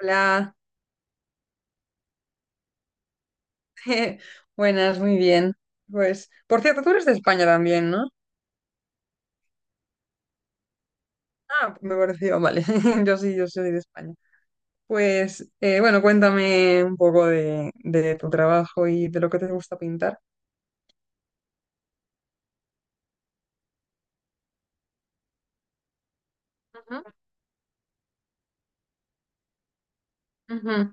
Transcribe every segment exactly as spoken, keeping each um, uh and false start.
Hola, buenas, muy bien. Pues, por cierto, tú eres de España también, ¿no? Ah, me pareció, vale. Yo sí, yo soy de España. Pues, eh, bueno, cuéntame un poco de, de tu trabajo y de lo que te gusta pintar. Ujú, ujú,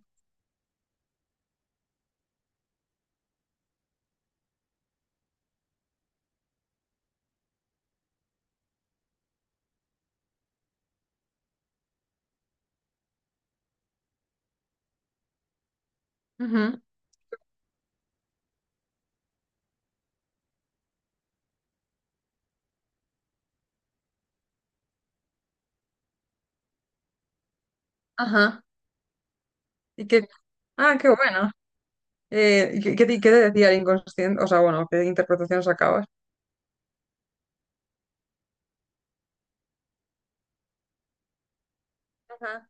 ujú. Ajá. Y que, ah, qué bueno. Eh, ¿y ¿qué, qué te qué te decía el inconsciente? O sea, bueno, ¿qué interpretación sacabas? Ajá.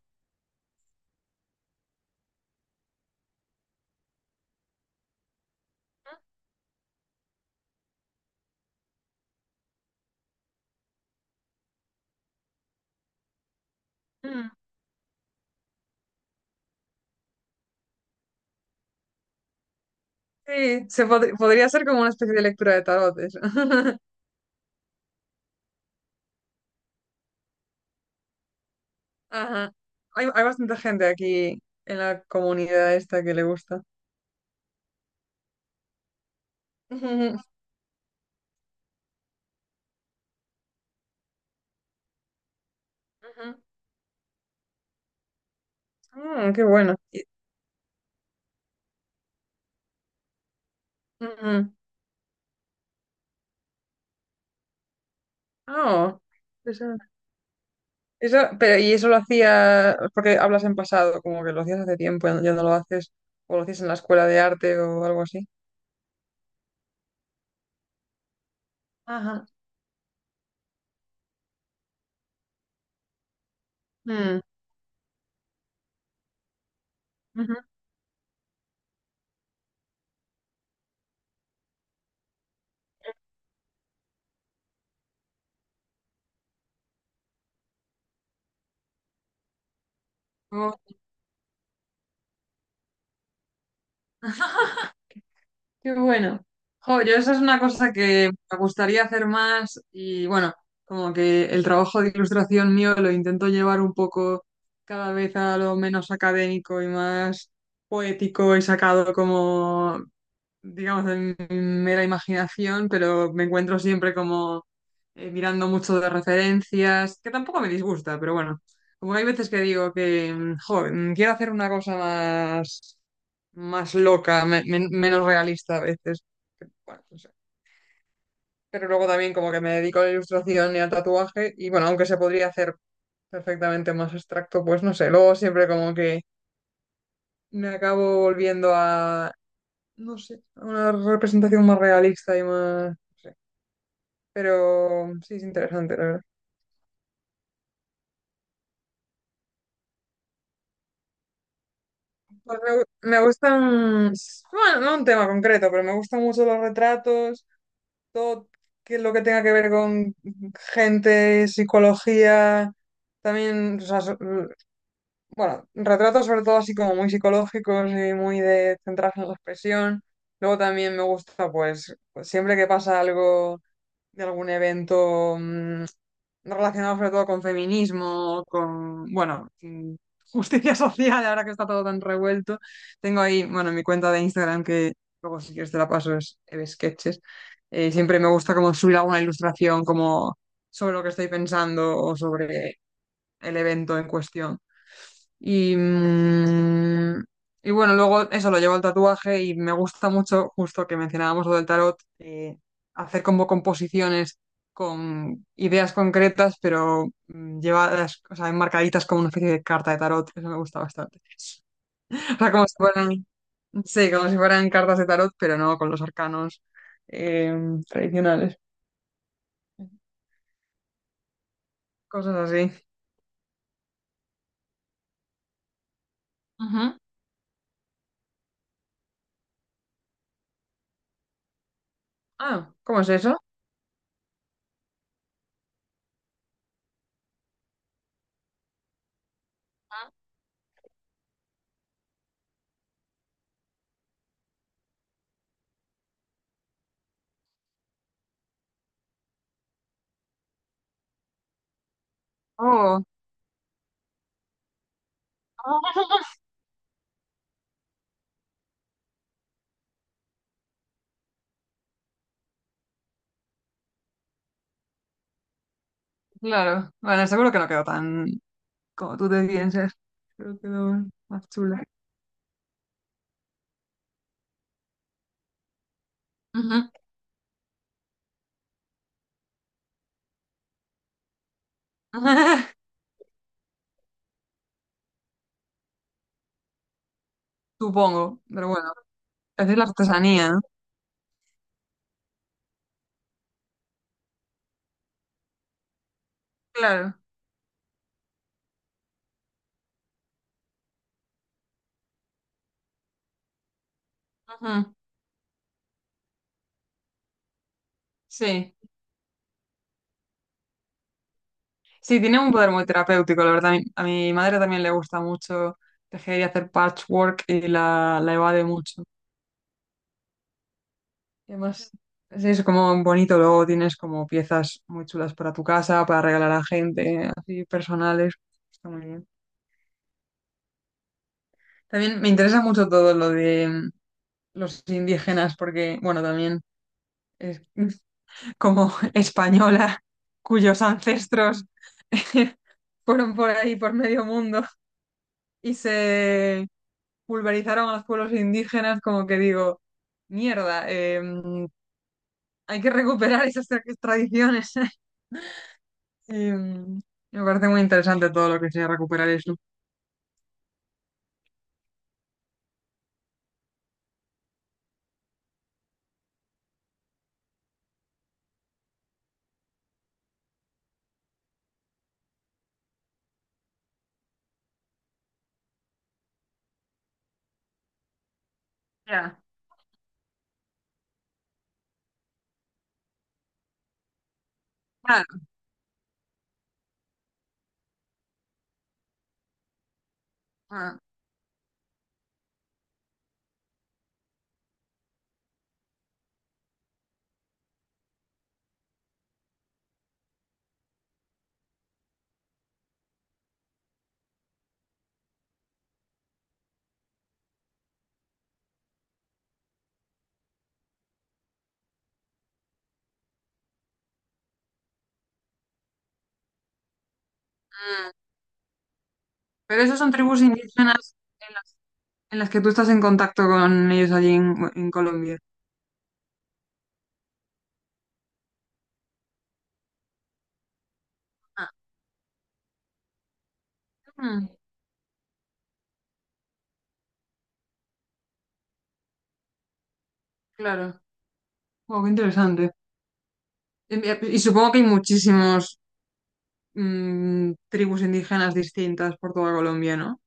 Mm. Sí, se pod- podría ser como una especie de lectura de tarot, eso. Ajá. Hay, hay bastante gente aquí en la comunidad esta que le gusta. Ujú, ujú. Mm, qué bueno. Y ujú. Oh, eso, eso, pero y eso lo hacía porque hablas en pasado, como que lo hacías hace tiempo, ya, ya no lo haces, o lo hacías en la escuela de arte o algo así. Ajá. Mm, ujú. Oh. Qué bueno. Jo, yo esa es una cosa que me gustaría hacer más y bueno, como que el trabajo de ilustración mío lo intento llevar un poco cada vez a lo menos académico y más poético y sacado como digamos, de mi mera imaginación, pero me encuentro siempre como eh, mirando mucho de referencias, que tampoco me disgusta, pero bueno, como que hay veces que digo que, mm, jo, mm, quiero hacer una cosa más, más loca, me- men- menos realista a veces. Que, bueno, no sé. Pero luego también como que me dedico a la ilustración y al tatuaje, y bueno, aunque se podría hacer perfectamente más abstracto, pues no sé, luego siempre como que me acabo volviendo a no sé, una representación más realista y más, no sé. Pero sí, es interesante, la verdad. Pues me, gu- me gustan, bueno, no un tema concreto, pero me gustan mucho los retratos, todo que lo que tenga que ver con gente, psicología, también, o sea, so- bueno, retratos sobre todo así como muy psicológicos y muy de centrarse en la expresión. Luego también me gusta, pues, siempre que pasa algo de algún evento mm, no relacionado sobre todo con feminismo, con, bueno, mm, justicia social, ahora que está todo tan revuelto. Tengo ahí, bueno, mi cuenta de Instagram que luego si quieres te la paso, es Eve Sketches. Eh, siempre me gusta como subir alguna ilustración como sobre lo que estoy pensando o sobre el evento en cuestión. Y, mm, y bueno, luego eso lo llevo al tatuaje y me gusta mucho, justo que mencionábamos lo del tarot, eh, hacer como composiciones con ideas concretas, pero mm, llevadas, o sea, enmarcaditas como una especie de carta de tarot. Eso me gusta bastante. O sea, como si fueran, sí, como si fueran cartas de tarot, pero no con los arcanos eh, tradicionales. Cosas así. Ujú. Ah, ¿cómo es eso? Oh. Claro, bueno, seguro que no quedó tan como tú te piensas. Creo que lo más chula. Ujú. Supongo, pero bueno, es la artesanía, ¿no? Claro. Ujú. Sí. Sí, tiene un poder muy terapéutico, la verdad. A mi, a mi madre también le gusta mucho tejer y hacer patchwork y la, la evade mucho. Y además, sí, es como un bonito, luego tienes como piezas muy chulas para tu casa, para regalar a gente, así personales. Está muy bien. También me interesa mucho todo lo de mm, los indígenas, porque, bueno, también es como española, cuyos ancestros fueron por ahí, por medio mundo, y se pulverizaron a los pueblos indígenas, como que digo, mierda, em, hay que recuperar esas tra- tradiciones. Y, mm, me parece muy interesante todo lo que sea recuperar eso. Ya, claro. Ah, mm. Pero esas son tribus indígenas en las, en las que tú estás en contacto con ellos allí en, en Colombia. Ah, mm, claro. Wow, qué interesante. Eh, Y supongo que hay muchísimos mm, tribus indígenas distintas por toda Colombia, ¿no?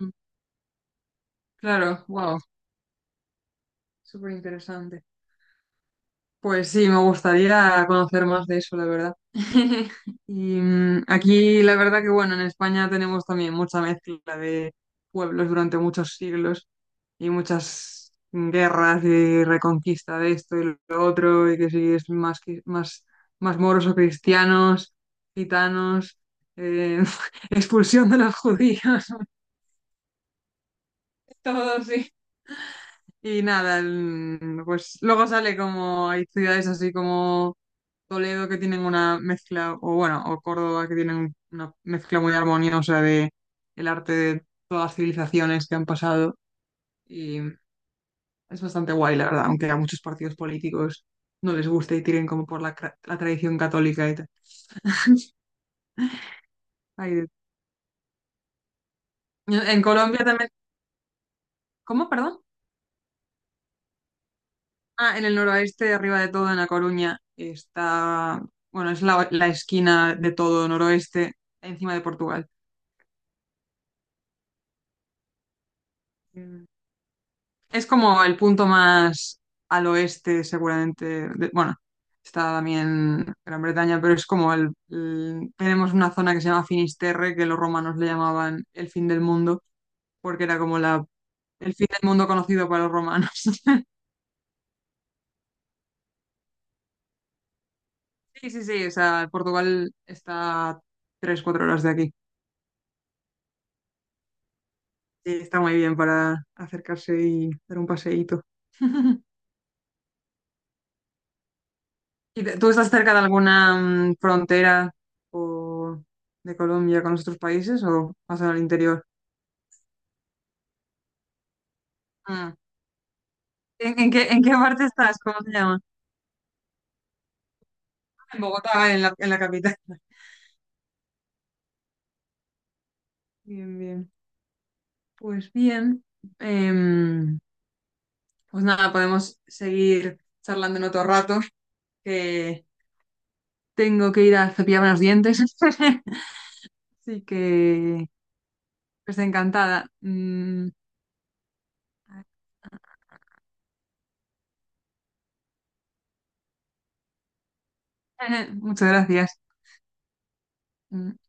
Ujú. Claro, wow, súper interesante. Pues sí, me gustaría conocer más de eso, la verdad. Y mm, aquí la verdad que bueno, en España tenemos también mucha mezcla de pueblos durante muchos siglos y muchas guerras y reconquista de esto y lo otro, y que si es más, qui- más, más moros o cristianos, gitanos, eh, expulsión de los judíos, todo sí. Y nada, el- pues luego sale como hay ciudades así como Toledo que tienen una mezcla, o bueno, o Córdoba que tienen una mezcla muy armoniosa de el arte de todas las civilizaciones que han pasado. Y es bastante guay, la verdad, aunque a muchos partidos políticos no les guste y tiren como por la, cra- la tradición católica y tal. Ay, de- en Colombia también. ¿Cómo, perdón? Ah, en el noroeste, arriba de todo, en La Coruña, está, bueno, es la, la esquina de todo noroeste, encima de Portugal. Es como el punto más al oeste, seguramente. De- bueno, está también Gran Bretaña, pero es como el, el- tenemos una zona que se llama Finisterre, que los romanos le llamaban el fin del mundo, porque era como la, el fin del mundo conocido para los romanos. Sí, sí, sí, o sea, Portugal está tres, cuatro horas de aquí. Sí, está muy bien para acercarse y dar un paseíto. ¿Y te- tú estás cerca de alguna mm, frontera o de Colombia con los otros países o más al interior? Mm. ¿En, en qué, en qué parte estás? ¿Cómo se llama? En Bogotá, vale, en la, en la capital. Bien, bien. Pues bien. em, pues nada, podemos seguir charlando en otro rato, que tengo que ir a cepillarme los dientes. Así que, pues encantada. Mm, muchas gracias. Mm.